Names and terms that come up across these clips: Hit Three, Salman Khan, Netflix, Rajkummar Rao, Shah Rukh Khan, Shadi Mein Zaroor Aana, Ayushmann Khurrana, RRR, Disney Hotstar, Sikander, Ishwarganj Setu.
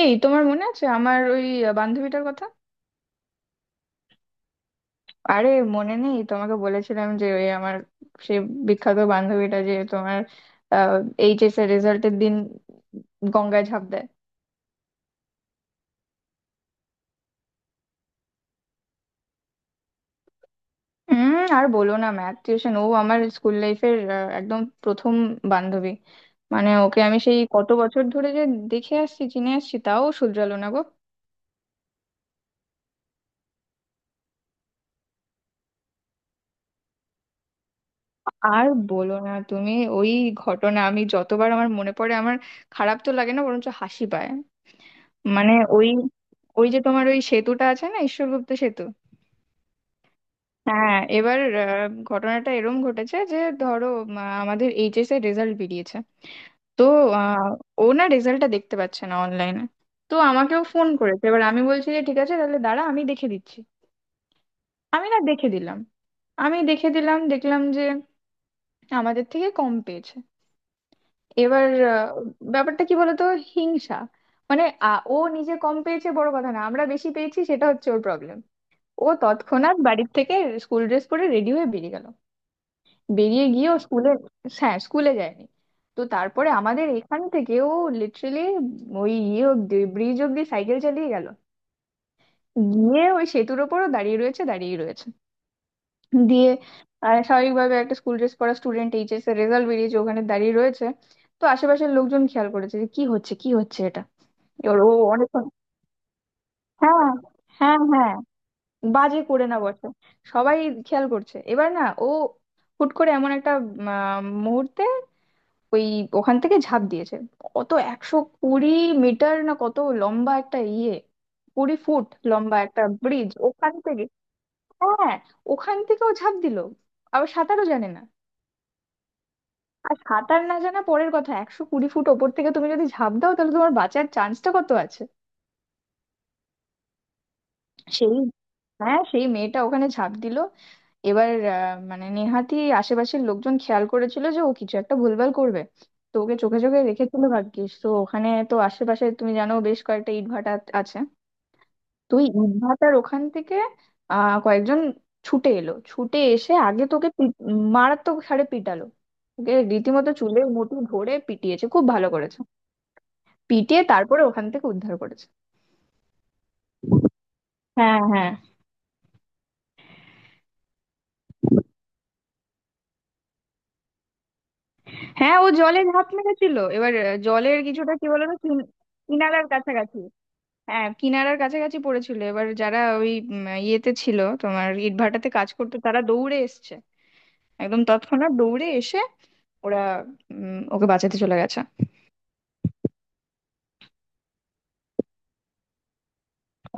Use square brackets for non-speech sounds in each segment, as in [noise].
এই, তোমার মনে আছে আমার ওই বান্ধবীটার কথা? আরে, মনে নেই? তোমাকে বলেছিলাম যে ওই আমার, সে বিখ্যাত বান্ধবীটা যে তোমার এইচএস এর রেজাল্টের দিন গঙ্গায় ঝাঁপ দেয়। হুম, আর বলো না, ম্যাথ টিউশন ও আমার স্কুল লাইফের একদম প্রথম বান্ধবী। মানে ওকে আমি সেই কত বছর ধরে যে দেখে আসছি, চিনে আসছি, তাও শুধরালো না গো। আর বলো না, তুমি ওই ঘটনা আমি যতবার আমার মনে পড়ে আমার খারাপ তো লাগে না, বরঞ্চ হাসি পায়। মানে ওই ওই যে তোমার ওই সেতুটা আছে না, ঈশ্বরগুপ্ত সেতু। হ্যাঁ, এবার ঘটনাটা এরম ঘটেছে যে ধরো, আমাদের এইচএস এর রেজাল্ট বেরিয়েছে। তো আহ, ও না রেজাল্টটা দেখতে পাচ্ছে না অনলাইনে। তো আমাকেও ফোন করেছে, এবার আমি বলছি যে ঠিক আছে তাহলে দাঁড়া আমি দেখে দিচ্ছি। আমি না দেখে দিলাম, আমি দেখে দিলাম, দেখলাম যে আমাদের থেকে কম পেয়েছে। এবার আহ, ব্যাপারটা কি বলতো, হিংসা। মানে ও নিজে কম পেয়েছে বড় কথা না, আমরা বেশি পেয়েছি সেটা হচ্ছে ওর প্রবলেম। ও তৎক্ষণাৎ বাড়ির থেকে স্কুল ড্রেস পরে রেডি হয়ে বেরিয়ে গেল। বেরিয়ে গিয়ে ও স্কুলে, হ্যাঁ, স্কুলে যায়নি। তো তারপরে আমাদের এখান থেকে ও লিটারেলি ওই ইয়ে অব্দি, ব্রিজ অব্দি সাইকেল চালিয়ে গেল। গিয়ে ওই সেতুর ওপরও দাঁড়িয়ে রয়েছে দাঁড়িয়ে রয়েছে। দিয়ে স্বাভাবিকভাবে একটা স্কুল ড্রেস পরা স্টুডেন্ট, এইচএস এর রেজাল্ট বেরিয়েছে, ওখানে দাঁড়িয়ে রয়েছে। তো আশেপাশের লোকজন খেয়াল করেছে যে কি হচ্ছে কি হচ্ছে এটা। এবার ও অনেকক্ষণ, হ্যাঁ হ্যাঁ হ্যাঁ, বাজে করে না বটে, সবাই খেয়াল করছে। এবার না ও হুট করে এমন একটা মুহূর্তে ওই ওখান থেকে ঝাঁপ দিয়েছে। কত 120 মিটার, না কত লম্বা একটা ইয়ে, 20 ফুট লম্বা একটা ব্রিজ, ওখান থেকে। হ্যাঁ, ওখান থেকেও ঝাঁপ দিল, আবার সাঁতারও জানে না। আর সাঁতার না জানা পরের কথা, 120 ফুট ওপর থেকে তুমি যদি ঝাঁপ দাও তাহলে তোমার বাঁচার চান্সটা কত আছে? সেই, হ্যাঁ সেই মেয়েটা ওখানে ঝাঁপ দিল। এবার মানে নেহাতি আশেপাশের লোকজন খেয়াল করেছিল যে ও কিছু একটা ভুলভাল করবে। তো ওকে চোখে চোখে রেখেছিল, ভাগ্যিস। তো ওখানে তো আশেপাশে তুমি জানো বেশ কয়েকটা ইটভাটা আছে। তো ওই ইটভাটার ওখান থেকে কয়েকজন ছুটে এলো, ছুটে এসে মারাত্মক হারে পিটালো। ওকে রীতিমতো চুলের মুঠি ধরে পিটিয়েছে, খুব ভালো করেছে। পিটিয়ে তারপরে ওখান থেকে উদ্ধার করেছে। হ্যাঁ হ্যাঁ হ্যাঁ, ও জলে ঝাঁপ মেরেছিল। এবার জলের কিছুটা কি বলো না, কিনারার কাছাকাছি। হ্যাঁ, কিনারার কাছাকাছি পড়েছিল। এবার যারা ওই ইয়েতে ছিল, তোমার ইটভাটাতে কাজ করতো, তারা দৌড়ে এসছে। একদম তৎক্ষণাৎ দৌড়ে এসে ওরা ওকে বাঁচাতে চলে গেছে।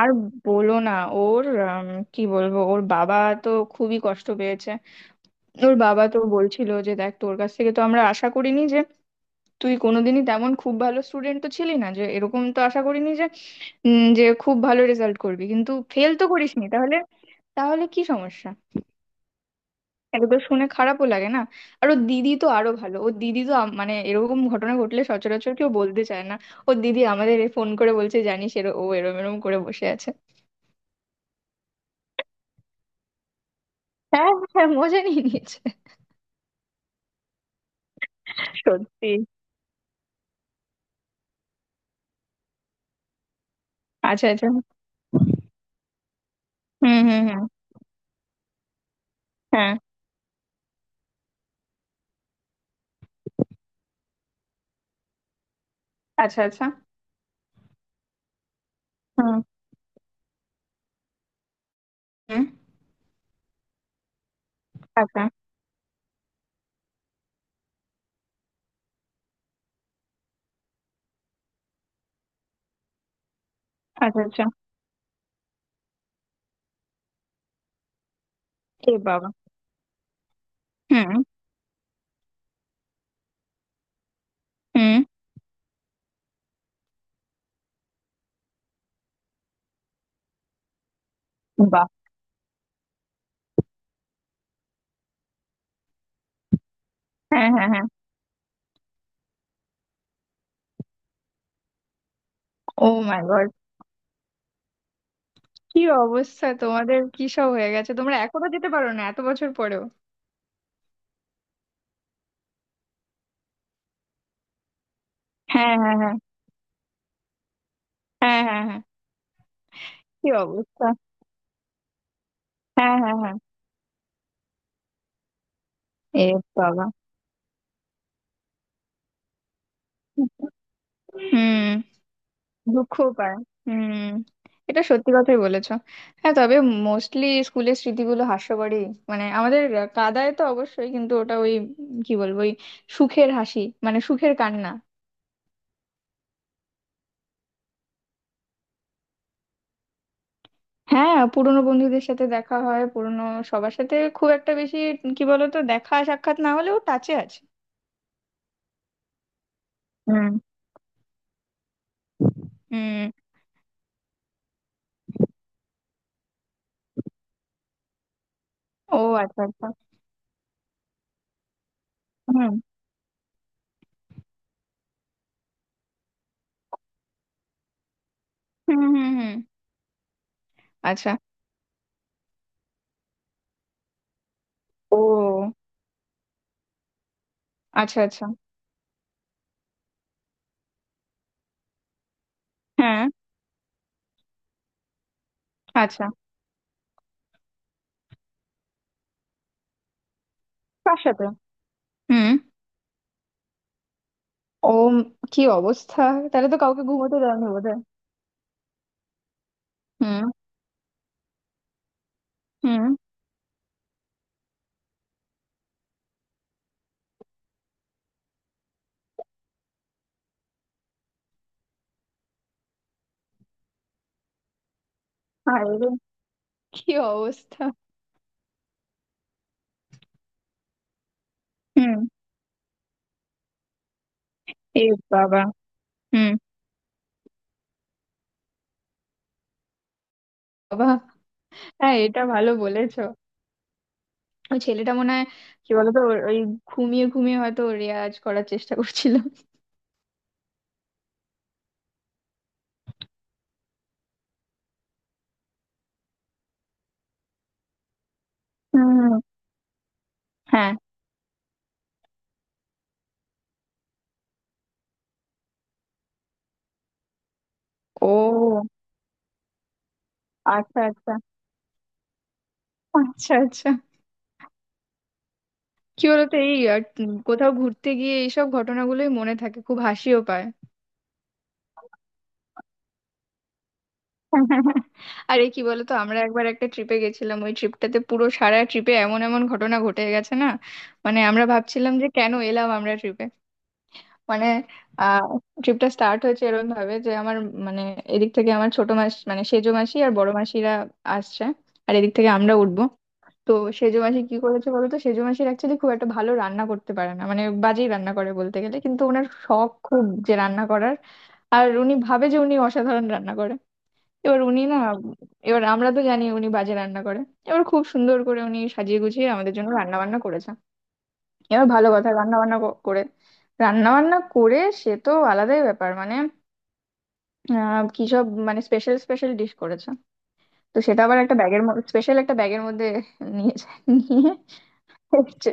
আর বলো না, ওর কি বলবো, ওর বাবা তো খুবই কষ্ট পেয়েছে। ওর বাবা তো বলছিল যে দেখ, তোর কাছ থেকে তো আমরা আশা করিনি যে তুই কোনোদিনই, তেমন খুব ভালো স্টুডেন্ট তো ছিলি না, যে এরকম তো আশা করিনি যে যে খুব ভালো রেজাল্ট করবি, কিন্তু ফেল তো করিসনি, তাহলে। তাহলে কি সমস্যা? এগুলো শুনে খারাপও লাগে না। আর ওর দিদি তো আরো ভালো, ওর দিদি তো মানে এরকম ঘটনা ঘটলে সচরাচর কেউ বলতে চায় না। ওর দিদি আমাদের এ ফোন করে বলছে, জানিস, এর ও এরম এরম করে বসে আছে। হ্যাঁ হ্যাঁ, মজা নিয়ে নিয়েছে। সত্যি। আচ্ছা আচ্ছা। হুম হুম হুম। হ্যাঁ। আচ্ছা আচ্ছা। হুম হুম। আচ্ছা আচ্ছা আচ্ছা। এ বাবা। হুম হুম। বাহ। হ্যাঁ হ্যাঁ হ্যাঁ। Oh my god. কি অবস্থা তোমাদের, কি সব হয়ে গেছে, তোমরা এখনো যেতে পারো না এত বছর পরেও? হ্যাঁ হ্যাঁ হ্যাঁ। হ্যাঁ হ্যাঁ হ্যাঁ। কি অবস্থা। হ্যাঁ হ্যাঁ হ্যাঁ। এ বাবা। হুম। দুঃখ পায়। হুম। এটা সত্যি কথাই বলেছো। হ্যাঁ তবে মোস্টলি স্কুলের স্মৃতিগুলো হাস্যকরই, মানে আমাদের কাদায় তো অবশ্যই, কিন্তু ওটা ওই কি বলবো, ওই সুখের হাসি, মানে সুখের কান্না। হ্যাঁ, পুরোনো বন্ধুদের সাথে দেখা হয়, পুরোনো সবার সাথে খুব একটা বেশি কি বলতো দেখা সাক্ষাৎ না হলেও, টাচে আছে। হুম হুম। ও আচ্ছা আচ্ছা। হুম হুম হুম হুম। আচ্ছা। ও আচ্ছা আচ্ছা। হ্যাঁ। আচ্ছা। কার সাথে? হুম। ও, কি অবস্থা। তাহলে তো কাউকে ঘুমোতে দেয়নি বোধহয়। হুম হুম। আরে রে, কি অবস্থা। হুম। এ বাবা। হুম। বাবা। হ্যাঁ, এটা ভালো বলেছো। ওই ছেলেটা মনে হয়, কি বলতো ওর ওই, ঘুমিয়ে ঘুমিয়ে হয়তো ওর রেয়াজ করার চেষ্টা করছিল। হুম। হ্যাঁ। ও আচ্ছা আচ্ছা। আচ্ছা আচ্ছা। কি বলতো, এই আর কোথাও ঘুরতে গিয়ে এইসব ঘটনাগুলোই মনে থাকে, খুব হাসিও পায়। আরে কি বলতো, আমরা একবার একটা ট্রিপে গেছিলাম, ওই ট্রিপটাতে পুরো সারা ট্রিপে এমন এমন ঘটনা ঘটে গেছে না, মানে আমরা ভাবছিলাম যে কেন এলাম আমরা ট্রিপে। মানে আহ ট্রিপটা স্টার্ট হয়েছে এরকম ভাবে যে আমার মানে, এদিক থেকে আমার ছোট মাস, মানে সেজো মাসি আর বড় মাসিরা আসছে, আর এদিক থেকে আমরা উঠবো। তো সেজো মাসি কি করেছে বলো তো, সেজো মাসির অ্যাকচুয়ালি খুব একটা ভালো রান্না করতে পারে না, মানে বাজেই রান্না করে বলতে গেলে, কিন্তু ওনার শখ খুব যে রান্না করার। আর উনি ভাবে যে উনি অসাধারণ রান্না করে। এবার উনি না, এবার আমরা তো জানি উনি বাজে রান্না করে। এবার খুব সুন্দর করে উনি সাজিয়ে গুছিয়ে আমাদের জন্য রান্না বান্না করেছে। এবার ভালো কথা, রান্না বান্না করে, রান্না বান্না করে সে তো আলাদাই ব্যাপার, মানে কি সব, মানে স্পেশাল স্পেশাল ডিশ করেছে। তো সেটা আবার একটা ব্যাগের, স্পেশাল একটা ব্যাগের মধ্যে নিয়ে যায়, নিয়ে এসছে।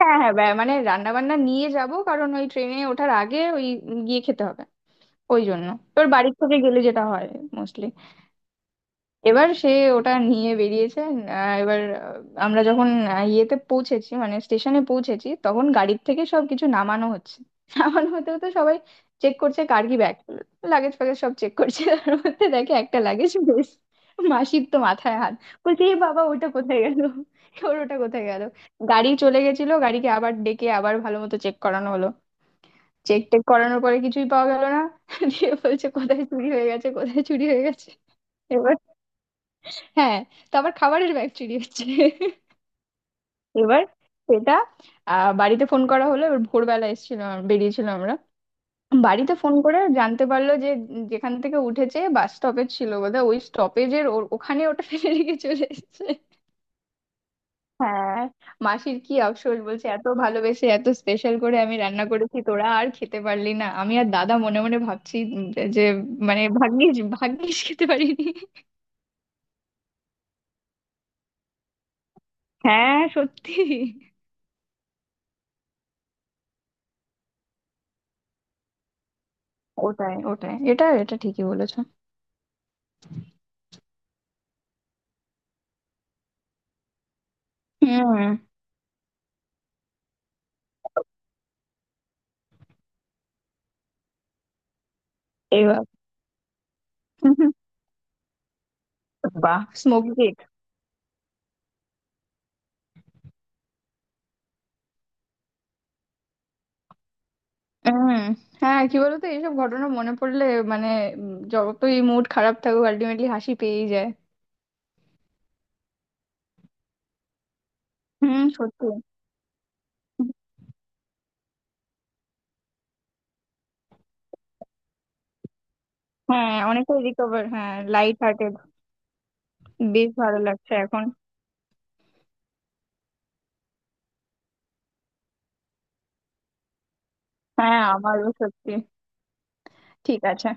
হ্যাঁ হ্যাঁ, মানে রান্না বান্না নিয়ে যাব কারণ ওই ট্রেনে ওঠার আগে ওই গিয়ে খেতে হবে, ওই জন্য, তোর বাড়ির থেকে গেলে যেটা হয় মোস্টলি। এবার সে ওটা নিয়ে বেরিয়েছে। এবার আমরা যখন ইয়েতে পৌঁছেছি, মানে স্টেশনে পৌঁছেছি, তখন গাড়ির থেকে সবকিছু নামানো হচ্ছে। [laughs] নামানো হতে হতে সবাই চেক করছে, কার কি ব্যাগ, লাগেজ ফ্যাগেজ সব চেক করছে, তার মধ্যে দেখে একটা লাগেজ বেশ, মাসির তো মাথায় হাত। বলছে এ বাবা ওটা কোথায় গেল, ওর ওটা কোথায় গেল। গাড়ি চলে গেছিল, গাড়িকে আবার ডেকে আবার ভালো মতো চেক করানো হলো। চেক টেক করানোর পরে কিছুই পাওয়া গেল না। [laughs] দিয়ে বলছে কোথায় চুরি হয়ে গেছে, কোথায় চুরি হয়ে গেছে। হ্যাঁ, তো আবার খাবারের ব্যাগ চুরি হচ্ছে। এবার সেটা বাড়িতে ফোন করা হলো। এবার ভোরবেলা এসেছিল, বেরিয়েছিল আমরা। বাড়িতে ফোন করে জানতে পারলো যে যেখান থেকে উঠেছে, বাস স্টপেজ ছিল বোধহয়, ওই স্টপেজের ওখানে ওটা ফেলে রেখে চলে এসেছে। হ্যাঁ। মাসির কি আফসোস, বলছে এত ভালোবেসে, এত স্পেশাল করে আমি রান্না করেছি, তোরা আর খেতে পারলি না। আমি আর দাদা মনে মনে ভাবছি যে মানে ভাগ্যিস, ভাগ্যিস খেতে পারিনি। হ্যাঁ সত্যি। ওটাই ওটাই এটা এটা ঠিকই বলেছো। হুম। এবার, বাহ স্মোকিং। হুম। হ্যাঁ কি বলতো, এইসব ঘটনা মনে পড়লে মানে, যতই মুড খারাপ থাকুক আলটিমেটলি হাসি পেয়েই যায়। হুম সত্যি। হ্যাঁ অনেকটাই রিকভার, হ্যাঁ লাইট হার্টেড। বেশ ভালো লাগছে এখন। হ্যাঁ আমারও সত্যি। ঠিক আছে।